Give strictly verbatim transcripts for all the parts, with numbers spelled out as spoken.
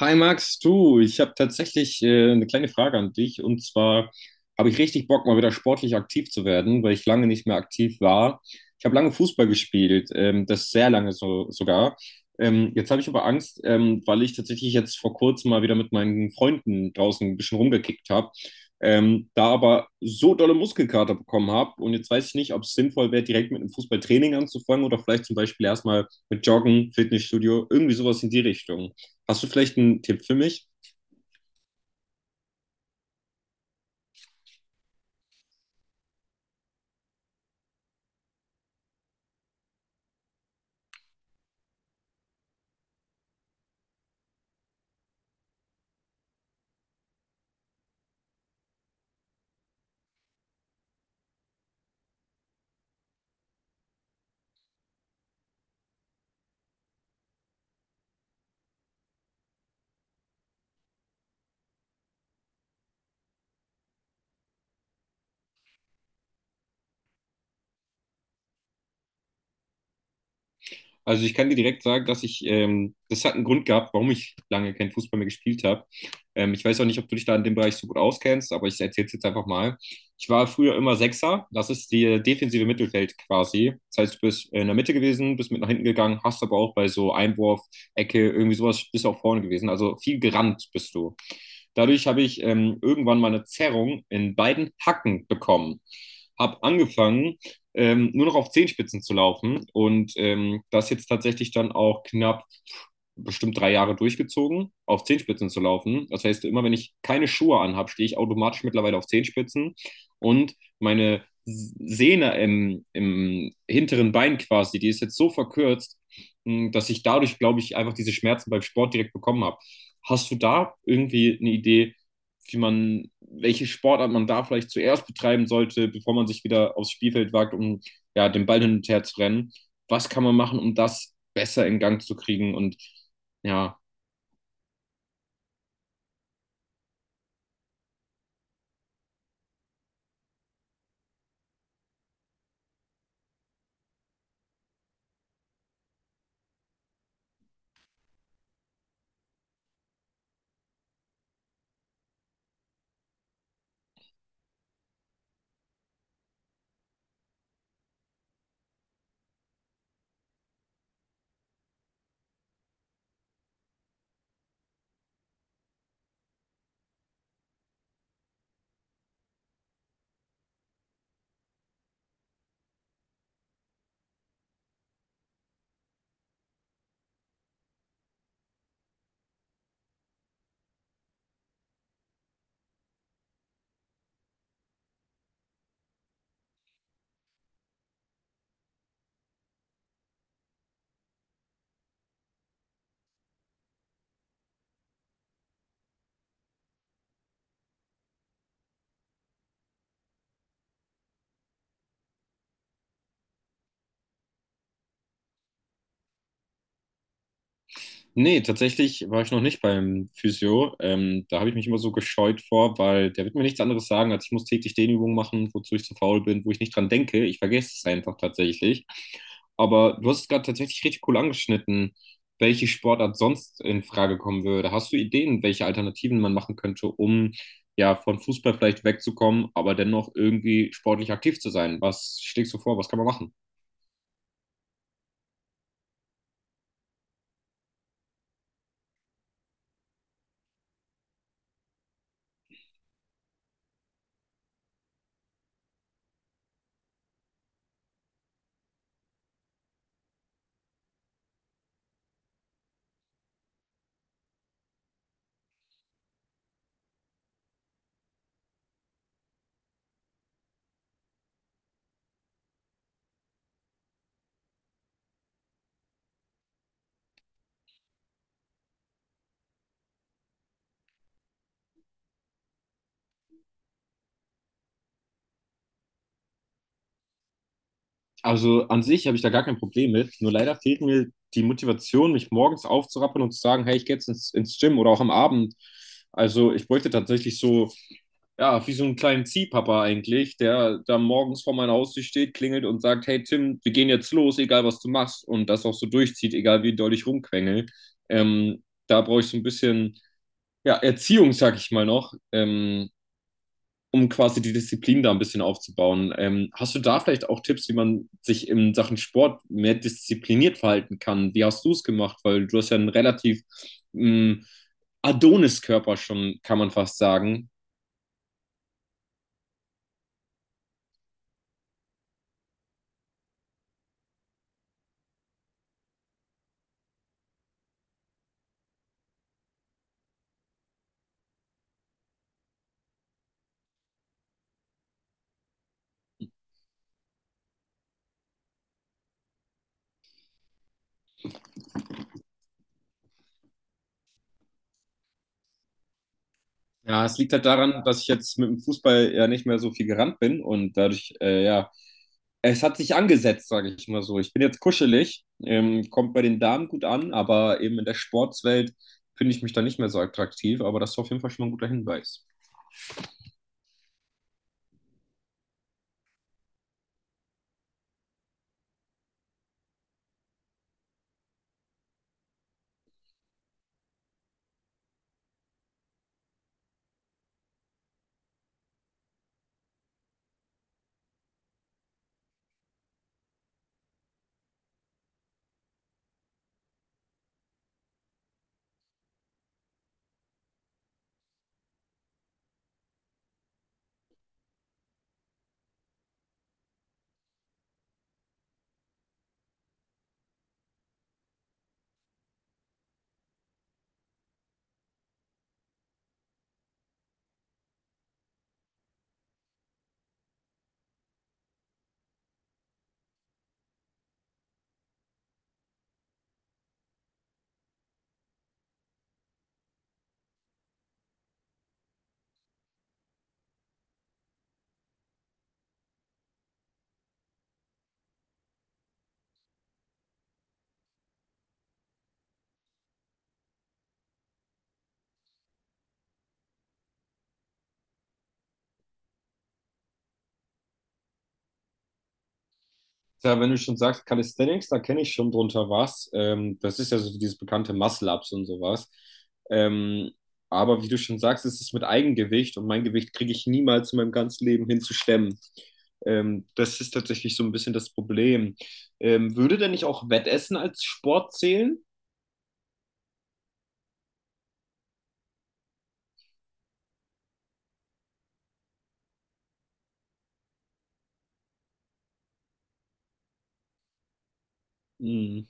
Hi Max, du, ich habe tatsächlich äh, eine kleine Frage an dich und zwar habe ich richtig Bock, mal wieder sportlich aktiv zu werden, weil ich lange nicht mehr aktiv war. Ich habe lange Fußball gespielt, ähm, das sehr lange so, sogar. Ähm, jetzt habe ich aber Angst, ähm, weil ich tatsächlich jetzt vor kurzem mal wieder mit meinen Freunden draußen ein bisschen rumgekickt habe, ähm, da aber so dolle Muskelkater bekommen habe und jetzt weiß ich nicht, ob es sinnvoll wäre, direkt mit einem Fußballtraining anzufangen oder vielleicht zum Beispiel erstmal mit Joggen, Fitnessstudio, irgendwie sowas in die Richtung. Hast du vielleicht einen Tipp für mich? Also ich kann dir direkt sagen, dass ich, ähm, das hat einen Grund gehabt, warum ich lange keinen Fußball mehr gespielt habe. Ähm, ich weiß auch nicht, ob du dich da in dem Bereich so gut auskennst, aber ich erzähle es jetzt einfach mal. Ich war früher immer Sechser, das ist die defensive Mittelfeld quasi. Das heißt, du bist in der Mitte gewesen, bist mit nach hinten gegangen, hast aber auch bei so Einwurf, Ecke, irgendwie sowas, bist auch vorne gewesen. Also viel gerannt bist du. Dadurch habe ich ähm, irgendwann mal eine Zerrung in beiden Hacken bekommen. Hab angefangen, ähm, nur noch auf Zehenspitzen zu laufen und ähm, das jetzt tatsächlich dann auch knapp bestimmt drei Jahre durchgezogen, auf Zehenspitzen zu laufen. Das heißt, immer wenn ich keine Schuhe anhabe, stehe ich automatisch mittlerweile auf Zehenspitzen und meine Sehne im, im hinteren Bein quasi, die ist jetzt so verkürzt, hm, dass ich dadurch, glaube ich, einfach diese Schmerzen beim Sport direkt bekommen habe. Hast du da irgendwie eine Idee, wie man welche Sportart man da vielleicht zuerst betreiben sollte, bevor man sich wieder aufs Spielfeld wagt, um ja, den Ball hin und her zu rennen. Was kann man machen, um das besser in Gang zu kriegen? Und ja, nee, tatsächlich war ich noch nicht beim Physio. Ähm, da habe ich mich immer so gescheut vor, weil der wird mir nichts anderes sagen, als ich muss täglich Dehnübungen machen, wozu ich zu faul bin, wo ich nicht dran denke. Ich vergesse es einfach tatsächlich. Aber du hast es gerade tatsächlich richtig cool angeschnitten, welche Sportart sonst in Frage kommen würde. Hast du Ideen, welche Alternativen man machen könnte, um ja von Fußball vielleicht wegzukommen, aber dennoch irgendwie sportlich aktiv zu sein? Was schlägst du vor? Was kann man machen? Also an sich habe ich da gar kein Problem mit. Nur leider fehlt mir die Motivation, mich morgens aufzurappeln und zu sagen, hey, ich gehe jetzt ins, ins Gym oder auch am Abend. Also ich bräuchte tatsächlich so, ja, wie so einen kleinen Ziehpapa eigentlich, der da morgens vor meiner Haustür steht, klingelt und sagt, hey Tim, wir gehen jetzt los, egal was du machst. Und das auch so durchzieht, egal wie doll ich rumquengel. Ähm, da brauche ich so ein bisschen, ja, Erziehung, sag ich mal noch. Ähm, um quasi die Disziplin da ein bisschen aufzubauen. Ähm, hast du da vielleicht auch Tipps, wie man sich in Sachen Sport mehr diszipliniert verhalten kann? Wie hast du es gemacht? Weil du hast ja einen relativ ähm, Adonis-Körper schon, kann man fast sagen. Ja, es liegt halt daran, dass ich jetzt mit dem Fußball ja nicht mehr so viel gerannt bin und dadurch, äh, ja, es hat sich angesetzt, sage ich mal so. Ich bin jetzt kuschelig, ähm, kommt bei den Damen gut an, aber eben in der Sportswelt finde ich mich da nicht mehr so attraktiv, aber das ist auf jeden Fall schon mal ein guter Hinweis. Ja, wenn du schon sagst Calisthenics, da kenne ich schon drunter was. Ähm, das ist ja so dieses bekannte Muscle-Ups und sowas. Ähm, aber wie du schon sagst, es ist es mit Eigengewicht und mein Gewicht kriege ich niemals in meinem ganzen Leben hinzustemmen. Ähm, das ist tatsächlich so ein bisschen das Problem. Ähm, würde denn nicht auch Wettessen als Sport zählen? Hm.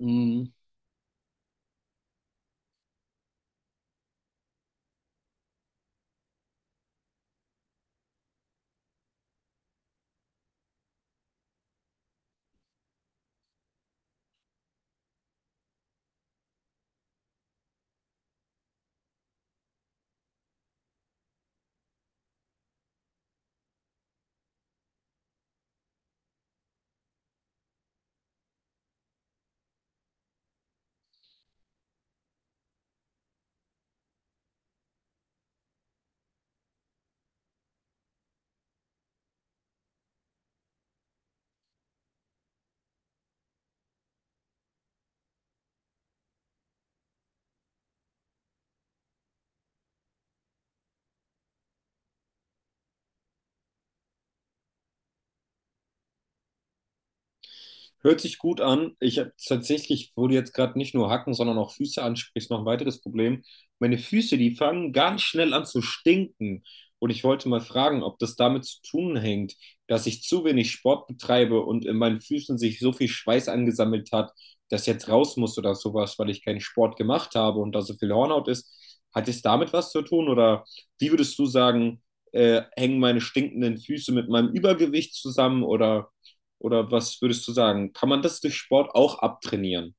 Hm. Hört sich gut an. Ich habe tatsächlich, wo du jetzt gerade nicht nur Hacken, sondern auch Füße ansprichst, noch ein weiteres Problem. Meine Füße, die fangen ganz schnell an zu stinken. Und ich wollte mal fragen, ob das damit zu tun hängt, dass ich zu wenig Sport betreibe und in meinen Füßen sich so viel Schweiß angesammelt hat, dass jetzt raus muss oder sowas, weil ich keinen Sport gemacht habe und da so viel Hornhaut ist. Hat es damit was zu tun? Oder wie würdest du sagen, äh, hängen meine stinkenden Füße mit meinem Übergewicht zusammen oder oder was würdest du sagen? Kann man das durch Sport auch abtrainieren?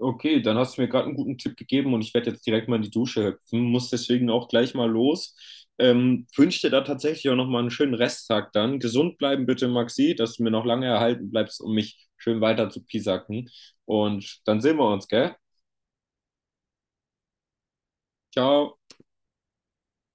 Okay, dann hast du mir gerade einen guten Tipp gegeben und ich werde jetzt direkt mal in die Dusche hüpfen, muss deswegen auch gleich mal los. Ähm, wünsche dir da tatsächlich auch nochmal einen schönen Resttag dann. Gesund bleiben bitte, Maxi, dass du mir noch lange erhalten bleibst, um mich schön weiter zu piesacken. Und dann sehen wir uns, gell? Ciao.